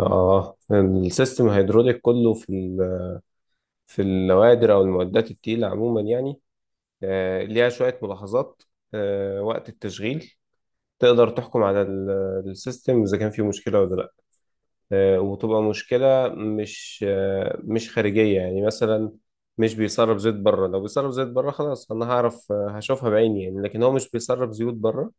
اه، السيستم الهيدروليك كله في في النوادر او المعدات التقيله عموما يعني، ليها شويه ملاحظات. وقت التشغيل تقدر تحكم على السيستم اذا كان فيه مشكله ولا لا، وتبقى مشكله مش مش خارجيه، يعني مثلا مش بيسرب زيت بره. لو بيسرب زيت بره خلاص انا هعرف، هشوفها بعيني يعني، لكن هو مش بيسرب زيوت بره.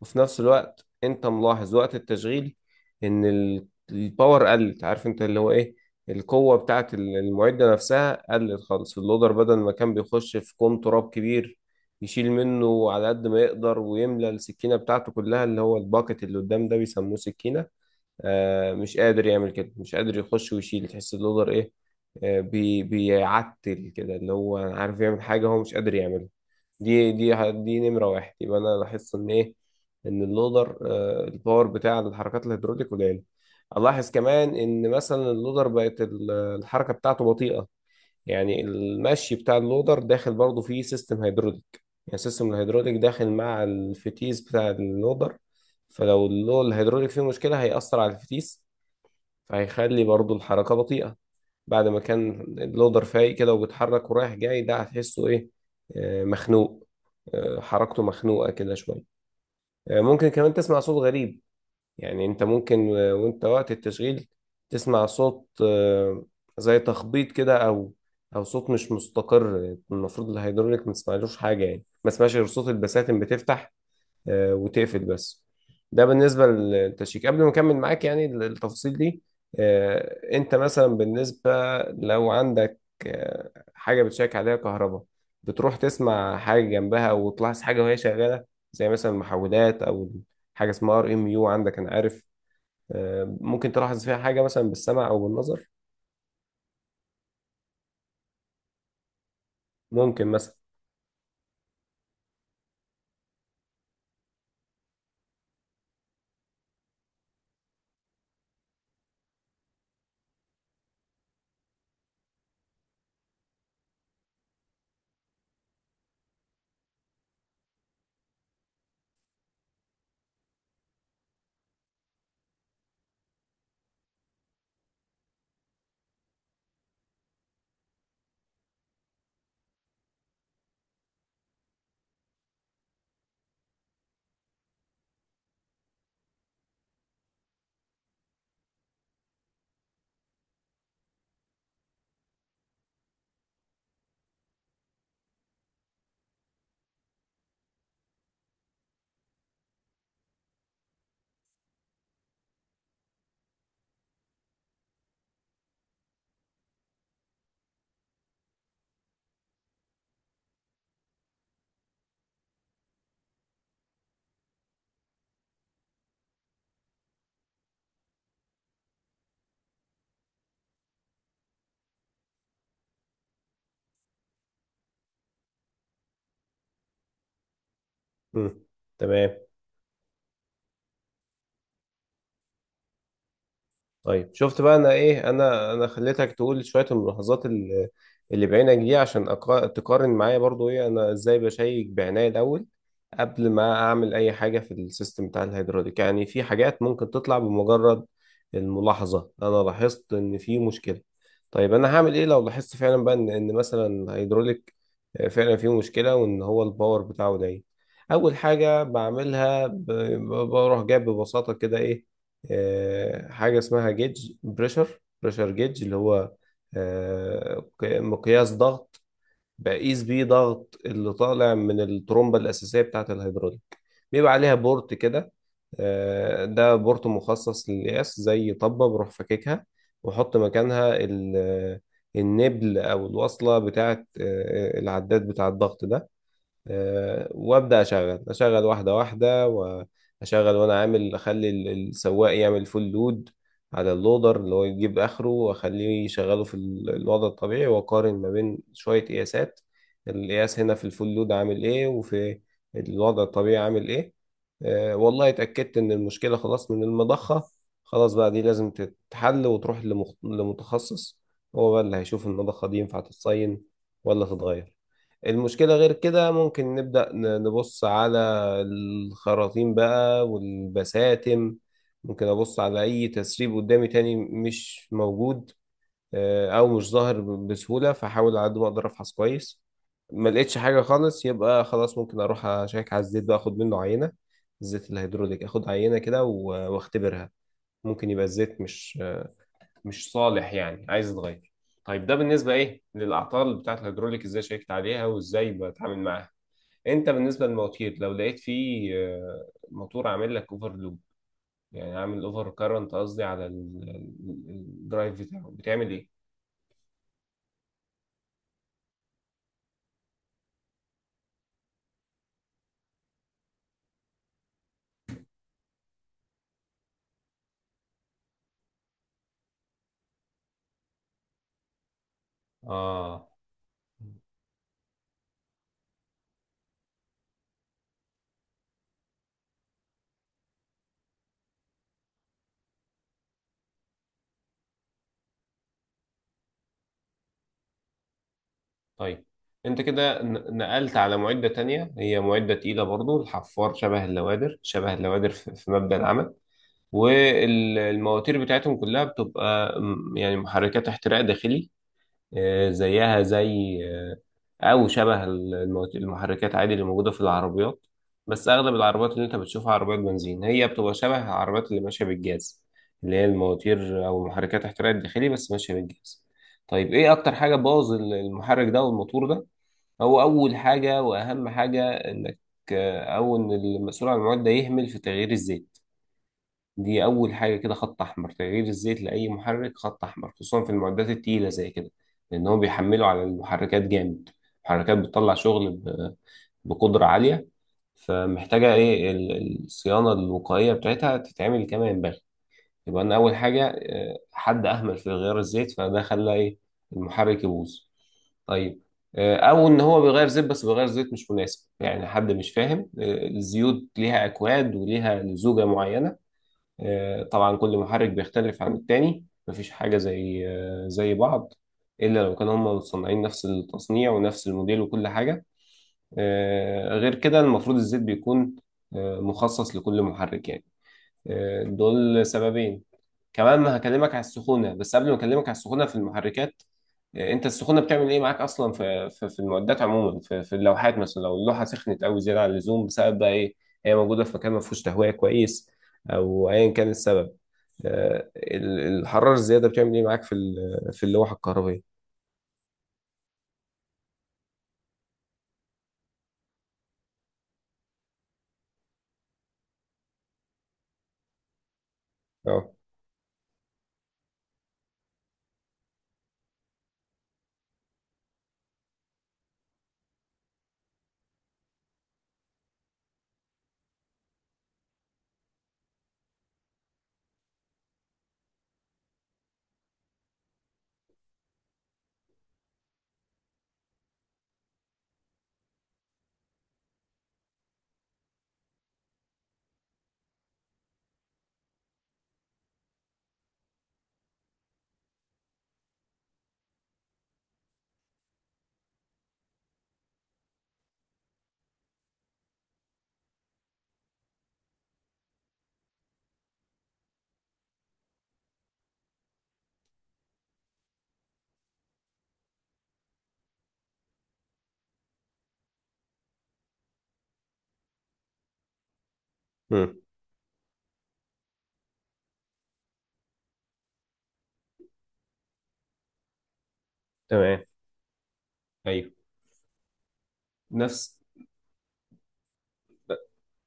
وفي نفس الوقت انت ملاحظ وقت التشغيل ان الباور قلت، عارف انت اللي هو ايه، القوة بتاعت المعدة نفسها قلت خالص. اللودر بدل ما كان بيخش في كوم تراب كبير يشيل منه على قد ما يقدر ويملى السكينة بتاعته كلها، اللي هو الباكت اللي قدام ده بيسموه سكينة، مش قادر يعمل كده، مش قادر يخش ويشيل. تحس اللودر ايه؟ بيعتل كده، اللي هو عارف يعمل حاجة هو مش قادر يعملها. دي نمرة واحد. يبقى أنا لاحظت إن إيه، إن اللودر الباور بتاع الحركات الهيدروليك قليل. ألاحظ كمان إن مثلا اللودر بقت الحركة بتاعته بطيئة، يعني المشي بتاع اللودر داخل برضه فيه سيستم هيدروليك. يعني سيستم الهيدروليك داخل مع الفتيس بتاع اللودر، فلو الهيدروليك فيه مشكلة هيأثر على الفتيس، فهيخلي برضه الحركة بطيئة. بعد ما كان اللودر فايق كده وبيتحرك ورايح جاي، ده هتحسه ايه؟ مخنوق. حركته مخنوقة كده شوية. ممكن كمان تسمع صوت غريب، يعني انت ممكن وانت وقت التشغيل تسمع صوت، زي تخبيط كده، او صوت مش مستقر. المفروض الهيدروليك ما تسمعلوش حاجه، يعني ما تسمعش غير صوت البساتم بتفتح وتقفل بس. ده بالنسبة للتشيك. قبل ما أكمل معاك يعني التفاصيل دي، أنت مثلا بالنسبة لو عندك حاجة بتشيك عليها كهرباء بتروح تسمع حاجة جنبها وتلاحظ حاجة وهي شغالة، زي مثلا المحولات، أو حاجة اسمها RMU عندك، أنا عارف ممكن تلاحظ فيها حاجة مثلا بالسمع أو بالنظر. ممكن مثلا. مم. تمام. طيب شفت بقى انا ايه، انا خليتك تقول شويه الملاحظات اللي بعينك دي عشان تقارن معايا برضو ايه انا ازاي بشيك بعناية الاول قبل ما اعمل اي حاجه في السيستم بتاع الهيدروليك. يعني في حاجات ممكن تطلع بمجرد الملاحظه انا لاحظت ان في مشكله. طيب انا هعمل ايه لو لاحظت فعلا بقى ان مثلا الهيدروليك فعلا فيه مشكله وان هو الباور بتاعه ضعيف؟ اول حاجه بعملها بروح جايب ببساطه كده ايه، حاجة اسمها جيج بريشر، بريشر جيج، اللي هو مقياس ضغط، بقيس بيه ضغط اللي طالع من الترومبة الأساسية بتاعة الهيدروليك. بيبقى عليها بورت كده، ده بورت مخصص للقياس زي طبة، بروح فككها وأحط مكانها النبل أو الوصلة بتاعة العداد بتاع الضغط ده. وابدا اشغل، واحده واحده، واشغل وانا عامل، اخلي السواق يعمل فول لود على اللودر اللي هو يجيب اخره، واخليه يشغله في الوضع الطبيعي واقارن ما بين شويه قياسات. القياس هنا في الفول لود عامل ايه، وفي الوضع الطبيعي عامل ايه. والله اتاكدت ان المشكله خلاص من المضخه، خلاص بقى دي لازم تتحل وتروح لمتخصص. هو بقى اللي هيشوف المضخه دي ينفع تتصين ولا تتغير. المشكلة غير كده ممكن نبدأ نبص على الخراطيم بقى والبساتم. ممكن أبص على أي تسريب قدامي، تاني مش موجود أو مش ظاهر بسهولة، فحاول على قد ما أقدر أفحص كويس. ما لقيتش حاجة خالص يبقى خلاص، ممكن أروح أشيك على الزيت بقى، أخد منه عينة، الزيت الهيدروليك أخد عينة كده وأختبرها. ممكن يبقى الزيت مش صالح يعني عايز يتغير. طيب ده بالنسبة إيه للأعطال بتاعة الهيدروليك، إزاي شيكت عليها وإزاي بتعامل معاها. انت بالنسبه للمواتير لو لقيت فيه موتور عامل لك اوفر لوب، يعني عامل اوفر كارنت قصدي على الدرايف بتاعه، بتعمل ايه؟ اه. طيب انت كده نقلت على معدة تانية، هي معدة تقيلة برضو، الحفار شبه اللوادر، شبه اللوادر في مبدأ العمل. والمواتير بتاعتهم كلها بتبقى يعني محركات احتراق داخلي، زيها زي او شبه المحركات عادي اللي موجوده في العربيات. بس اغلب العربيات اللي انت بتشوفها عربيات بنزين، هي بتبقى شبه العربيات اللي ماشيه بالجاز، اللي هي المواتير او محركات احتراق الداخلي بس ماشيه بالجاز. طيب ايه اكتر حاجه بوظ المحرك ده والموتور ده؟ هو اول حاجه واهم حاجه انك او ان المسؤول عن المعدة يهمل في تغيير الزيت. دي أول حاجة كده، خط أحمر، تغيير الزيت لأي محرك خط أحمر، خصوصا في المعدات التقيلة زي كده، لأن هم بيحملوا على المحركات جامد. المحركات بتطلع شغل بقدرة عالية، فمحتاجة إيه الصيانة الوقائية بتاعتها تتعمل كما ينبغي. يبقى أنا أول حاجة حد أهمل في غيار الزيت، فده خلى إيه، المحرك يبوظ. طيب او ان هو بيغير زيت، بس بيغير زيت مش مناسب، يعني حد مش فاهم. الزيوت ليها اكواد وليها لزوجة معينة. طبعا كل محرك بيختلف عن التاني، مفيش حاجة زي زي بعض، إلا لو كانوا هم مصنعين نفس التصنيع ونفس الموديل وكل حاجة. غير كده المفروض الزيت بيكون مخصص لكل محرك يعني. دول سببين. كمان هكلمك على السخونة، بس قبل ما أكلمك على السخونة في المحركات، أنت السخونة بتعمل إيه معاك أصلا في المعدات عموما، في اللوحات، مثلا لو اللوحة سخنت أوي زيادة عن اللزوم، بسبب بقى إيه، هي موجودة في مكان ما فيهوش تهوية كويس أو أيا كان السبب. الحرارة الزيادة بتعمل ايه معاك في في اللوحة الكهربية؟ اه. مم. تمام. ايوه. نفس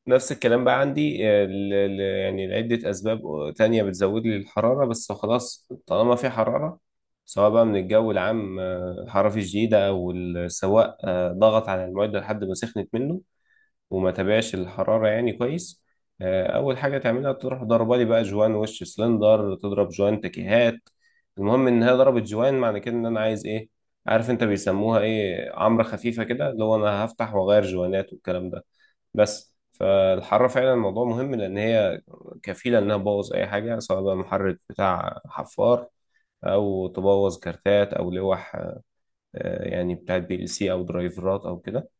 نفس الكلام بقى عندي، يعني لعدة أسباب تانية بتزود لي الحرارة. بس خلاص طالما في حرارة، سواء بقى من الجو العام حرارة شديدة، أو السواق ضغط على المعدة لحد ما سخنت منه وما تابعش الحرارة يعني كويس، أول حاجة تعملها تروح ضربة لي بقى جوان وش سلندر، تضرب جوان تكيهات. المهم إن هي ضربت جوان، معنى كده إن أنا عايز إيه، عارف أنت بيسموها إيه، عمرة خفيفة كده، اللي هو أنا هفتح وأغير جوانات والكلام ده. بس فالحرارة فعلا الموضوع مهم، لأن هي كفيلة إنها تبوظ أي حاجة، سواء بقى محرك بتاع حفار، أو تبوظ كارتات أو لوح يعني بتاعت PLC أو درايفرات أو كده.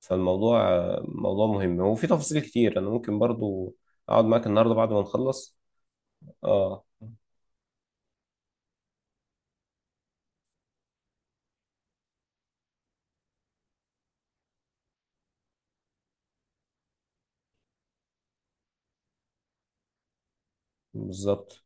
فالموضوع موضوع مهم، وفي تفاصيل كتير انا ممكن برضو اقعد معاك النهارده بعد ما نخلص. اه. بالظبط.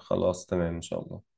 خلاص تمام ان شاء الله.